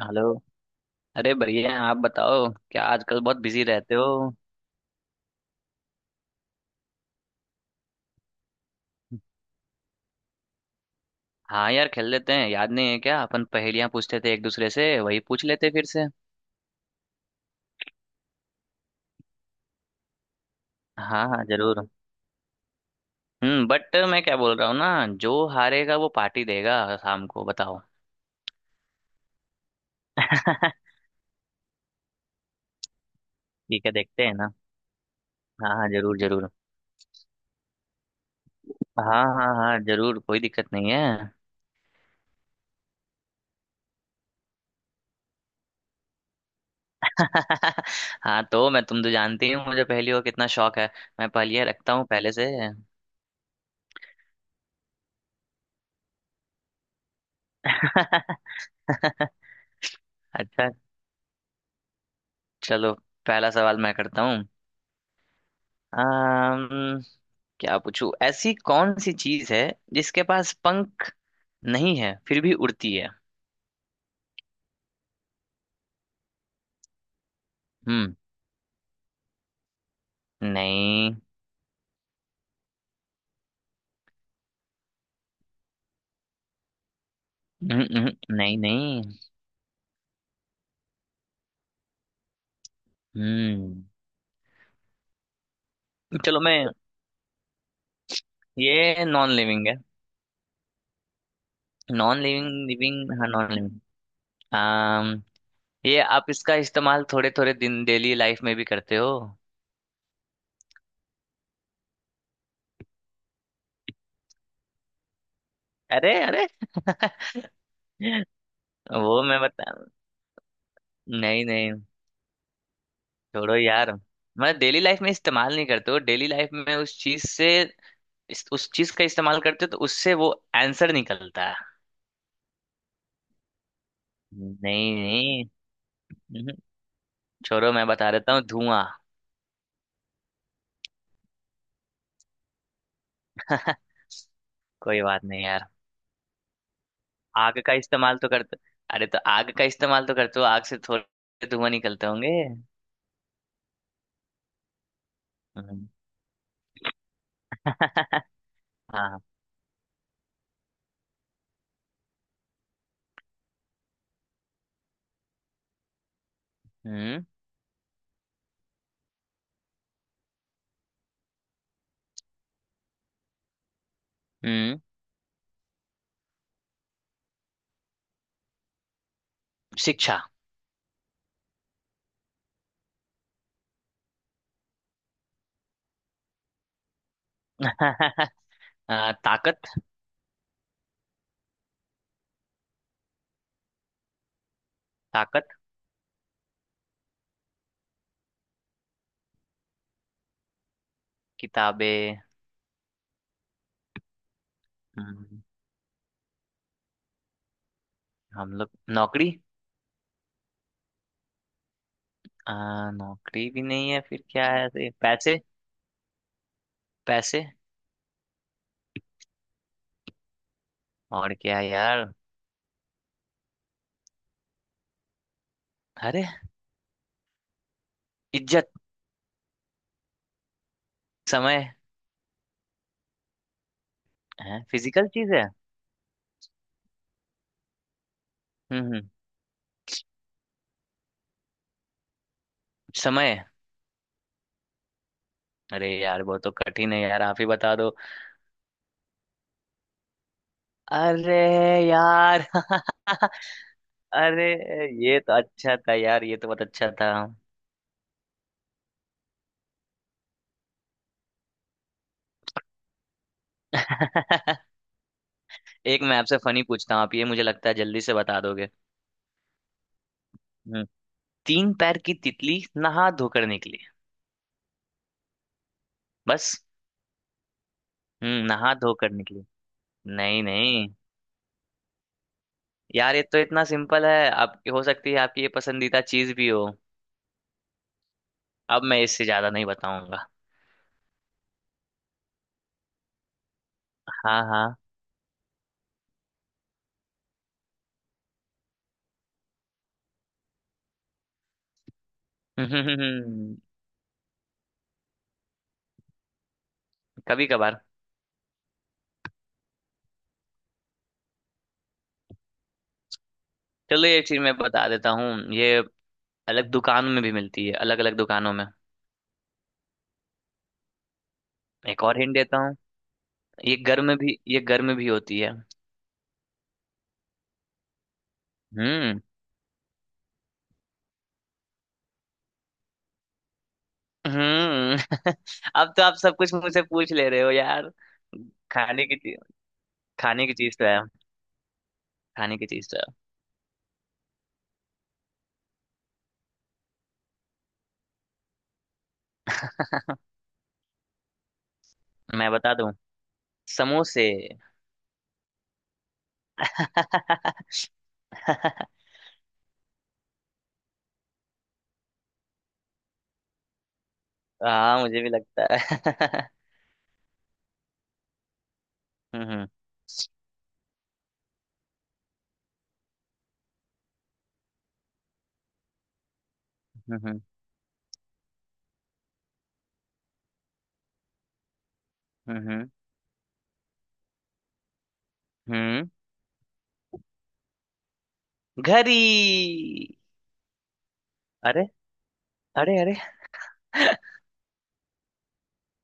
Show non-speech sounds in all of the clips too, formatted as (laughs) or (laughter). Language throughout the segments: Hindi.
हेलो। अरे बढ़िया हैं। आप बताओ, क्या आजकल बहुत बिजी रहते हो? हाँ यार, खेल लेते हैं। याद नहीं है क्या, अपन पहेलियां पूछते थे एक दूसरे से। वही पूछ लेते फिर से। हाँ हाँ, जरूर। बट मैं क्या बोल रहा हूँ ना, जो हारेगा वो पार्टी देगा शाम को, बताओ। (laughs) ठीक है, देखते हैं ना। हाँ हाँ, जरूर जरूर। हाँ हाँ हाँ, जरूर, कोई दिक्कत नहीं है। (laughs) हाँ तो मैं, तुम तो जानती हूँ मुझे पहेलियों का कितना शौक है। मैं पहेलियाँ रखता हूँ पहले से। (laughs) अच्छा, चलो, पहला सवाल मैं करता हूँ। अम्म, क्या पूछूं। ऐसी कौन सी चीज है जिसके पास पंख नहीं है फिर भी उड़ती है? हम्म। नहीं। हम्म। नहीं नहीं। हम्म। चलो, मैं, ये नॉन लिविंग है। नॉन लिविंग, लिविंग, हाँ, नॉन लिविंग। अम्म ये आप इसका इस्तेमाल थोड़े थोड़े दिन डेली लाइफ में भी करते हो। अरे अरे। (laughs) वो मैं बता, नहीं नहीं, छोड़ो यार। मतलब डेली लाइफ में इस्तेमाल नहीं करते हो, डेली लाइफ में उस चीज से, इस उस चीज का इस्तेमाल करते हो तो उससे वो आंसर निकलता है। नहीं नहीं। हम्म, छोड़ो, मैं बता देता हूँ। धुआं। (laughs) कोई बात नहीं यार। आग का इस्तेमाल तो करते, अरे तो आग का इस्तेमाल तो करते हो, आग से थोड़े धुआं निकलते होंगे। हम्म, (laughs) हाँ। हम्म हम्म। शिक्षा। (laughs) ताकत। ताकत। किताबें। हम्म, हम लोग। नौकरी। नौकरी भी नहीं है फिर क्या है? ऐसे, पैसे। पैसे। और क्या है यार। अरे, इज्जत। समय। है, फिजिकल चीज है। हम्म। समय। अरे यार वो तो कठिन है यार, आप ही बता दो। अरे यार। (laughs) अरे, ये तो अच्छा था यार, ये तो बहुत अच्छा था। (laughs) एक मैं आपसे फनी पूछता हूँ, आप ये मुझे लगता है जल्दी से बता दोगे। हम्म। तीन पैर की तितली नहा धोकर निकली। बस। नहा धोकर निकली। नहीं नहीं। यार ये तो इतना सिंपल है, आपकी हो सकती है, आपकी ये पसंदीदा चीज भी हो। अब मैं इससे ज्यादा नहीं बताऊंगा। हाँ हाँ। (laughs) हम्म। कभी कभार। चलो, ये चीज मैं बता देता हूँ। ये अलग दुकानों में भी मिलती है, अलग अलग दुकानों में। एक और हिंट देता हूँ। ये घर में भी होती है। हम्म हम्म। (laughs) अब तो आप सब कुछ मुझसे पूछ ले रहे हो यार। खाने की चीज। खाने की चीज तो है। खाने की चीज तो है। मैं बता दूं। समोसे। (laughs) हाँ मुझे भी लगता है। (laughs) हम्म। हम्म हम्म। हम्म। घड़ी। अरे अरे। अरे।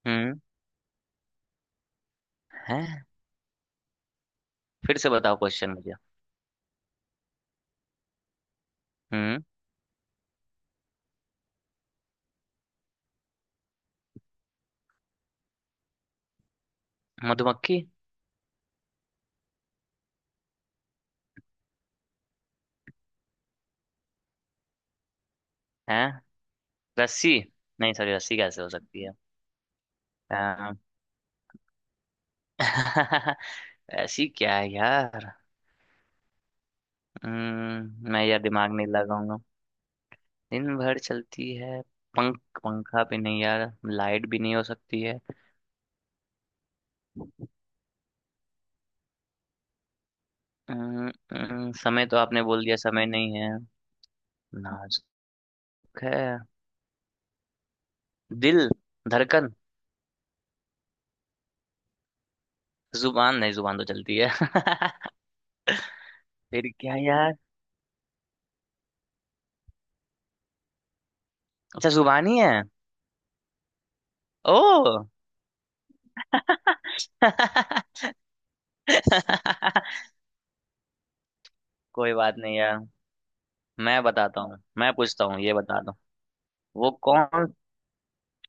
हम्म। है। फिर से बताओ क्वेश्चन मुझे। हम्म। मधुमक्खी। है। रस्सी। नहीं सॉरी, रस्सी कैसे हो सकती है। अम, (laughs) ऐसी क्या है यार। मैं यार दिमाग नहीं लगाऊंगा। दिन भर चलती है। पंख। पंखा भी नहीं यार, लाइट भी नहीं हो सकती है। अम, अम, समय तो आपने बोल दिया, समय नहीं है। नाजुक है। दिल। धड़कन। जुबान नहीं, जुबान तो चलती है। (laughs) फिर क्या यार। अच्छा, जुबान ही है। ओ। (laughs) (laughs) कोई बात नहीं यार। मैं बताता हूँ, मैं पूछता हूँ, ये बता दो। वो कौन,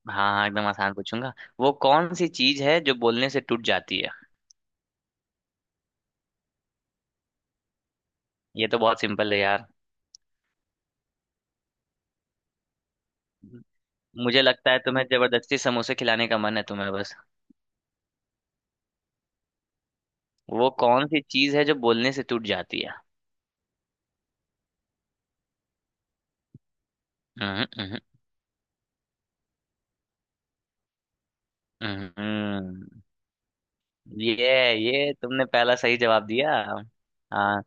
हाँ हाँ, एकदम आसान पूछूंगा। वो कौन सी चीज है जो बोलने से टूट जाती है? ये तो बहुत सिंपल है यार। मुझे लगता है तुम्हें जबरदस्ती समोसे खिलाने का मन है तुम्हें, बस। वो कौन सी चीज है जो बोलने से टूट जाती है? हम्म। हम्म, हम्म। ये ये तुमने पहला सही जवाब दिया। हाँ।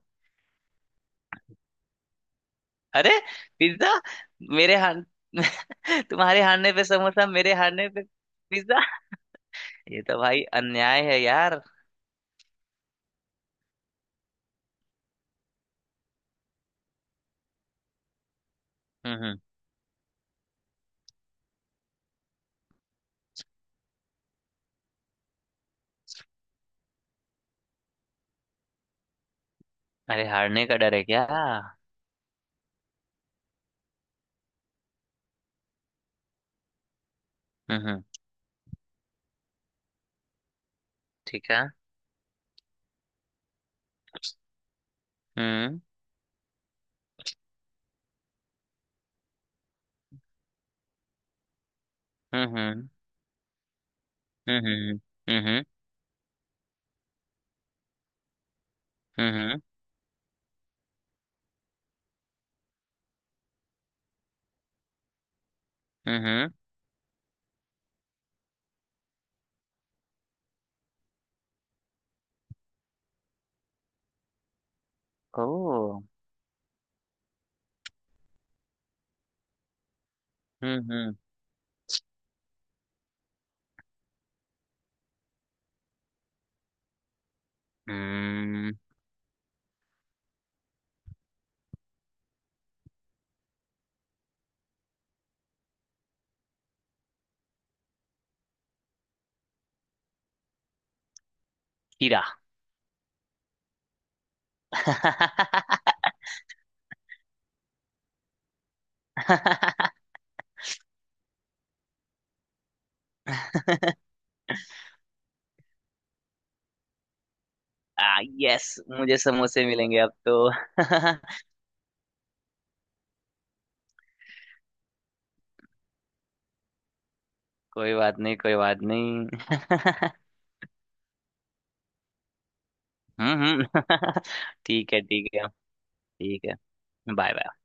अरे, पिज्जा। मेरे हार, (laughs) तुम्हारे हारने पे समोसा, मेरे हारने पे? ये तो भाई अन्याय है यार। हम्म। अरे, हारने का डर है क्या? हम्म। हम्म, ठीक है। हम्म हम्म हम्म हम्म। हम्म हम्म हम्म हम्म। ओ। हम्म हम्म हम्म। हीरा। (laughs) आ यस, मुझे समोसे मिलेंगे अब तो। (laughs) कोई बात नहीं, कोई बात नहीं। हम्म। (laughs) ठीक है, ठीक है। ठीक है। Bye bye.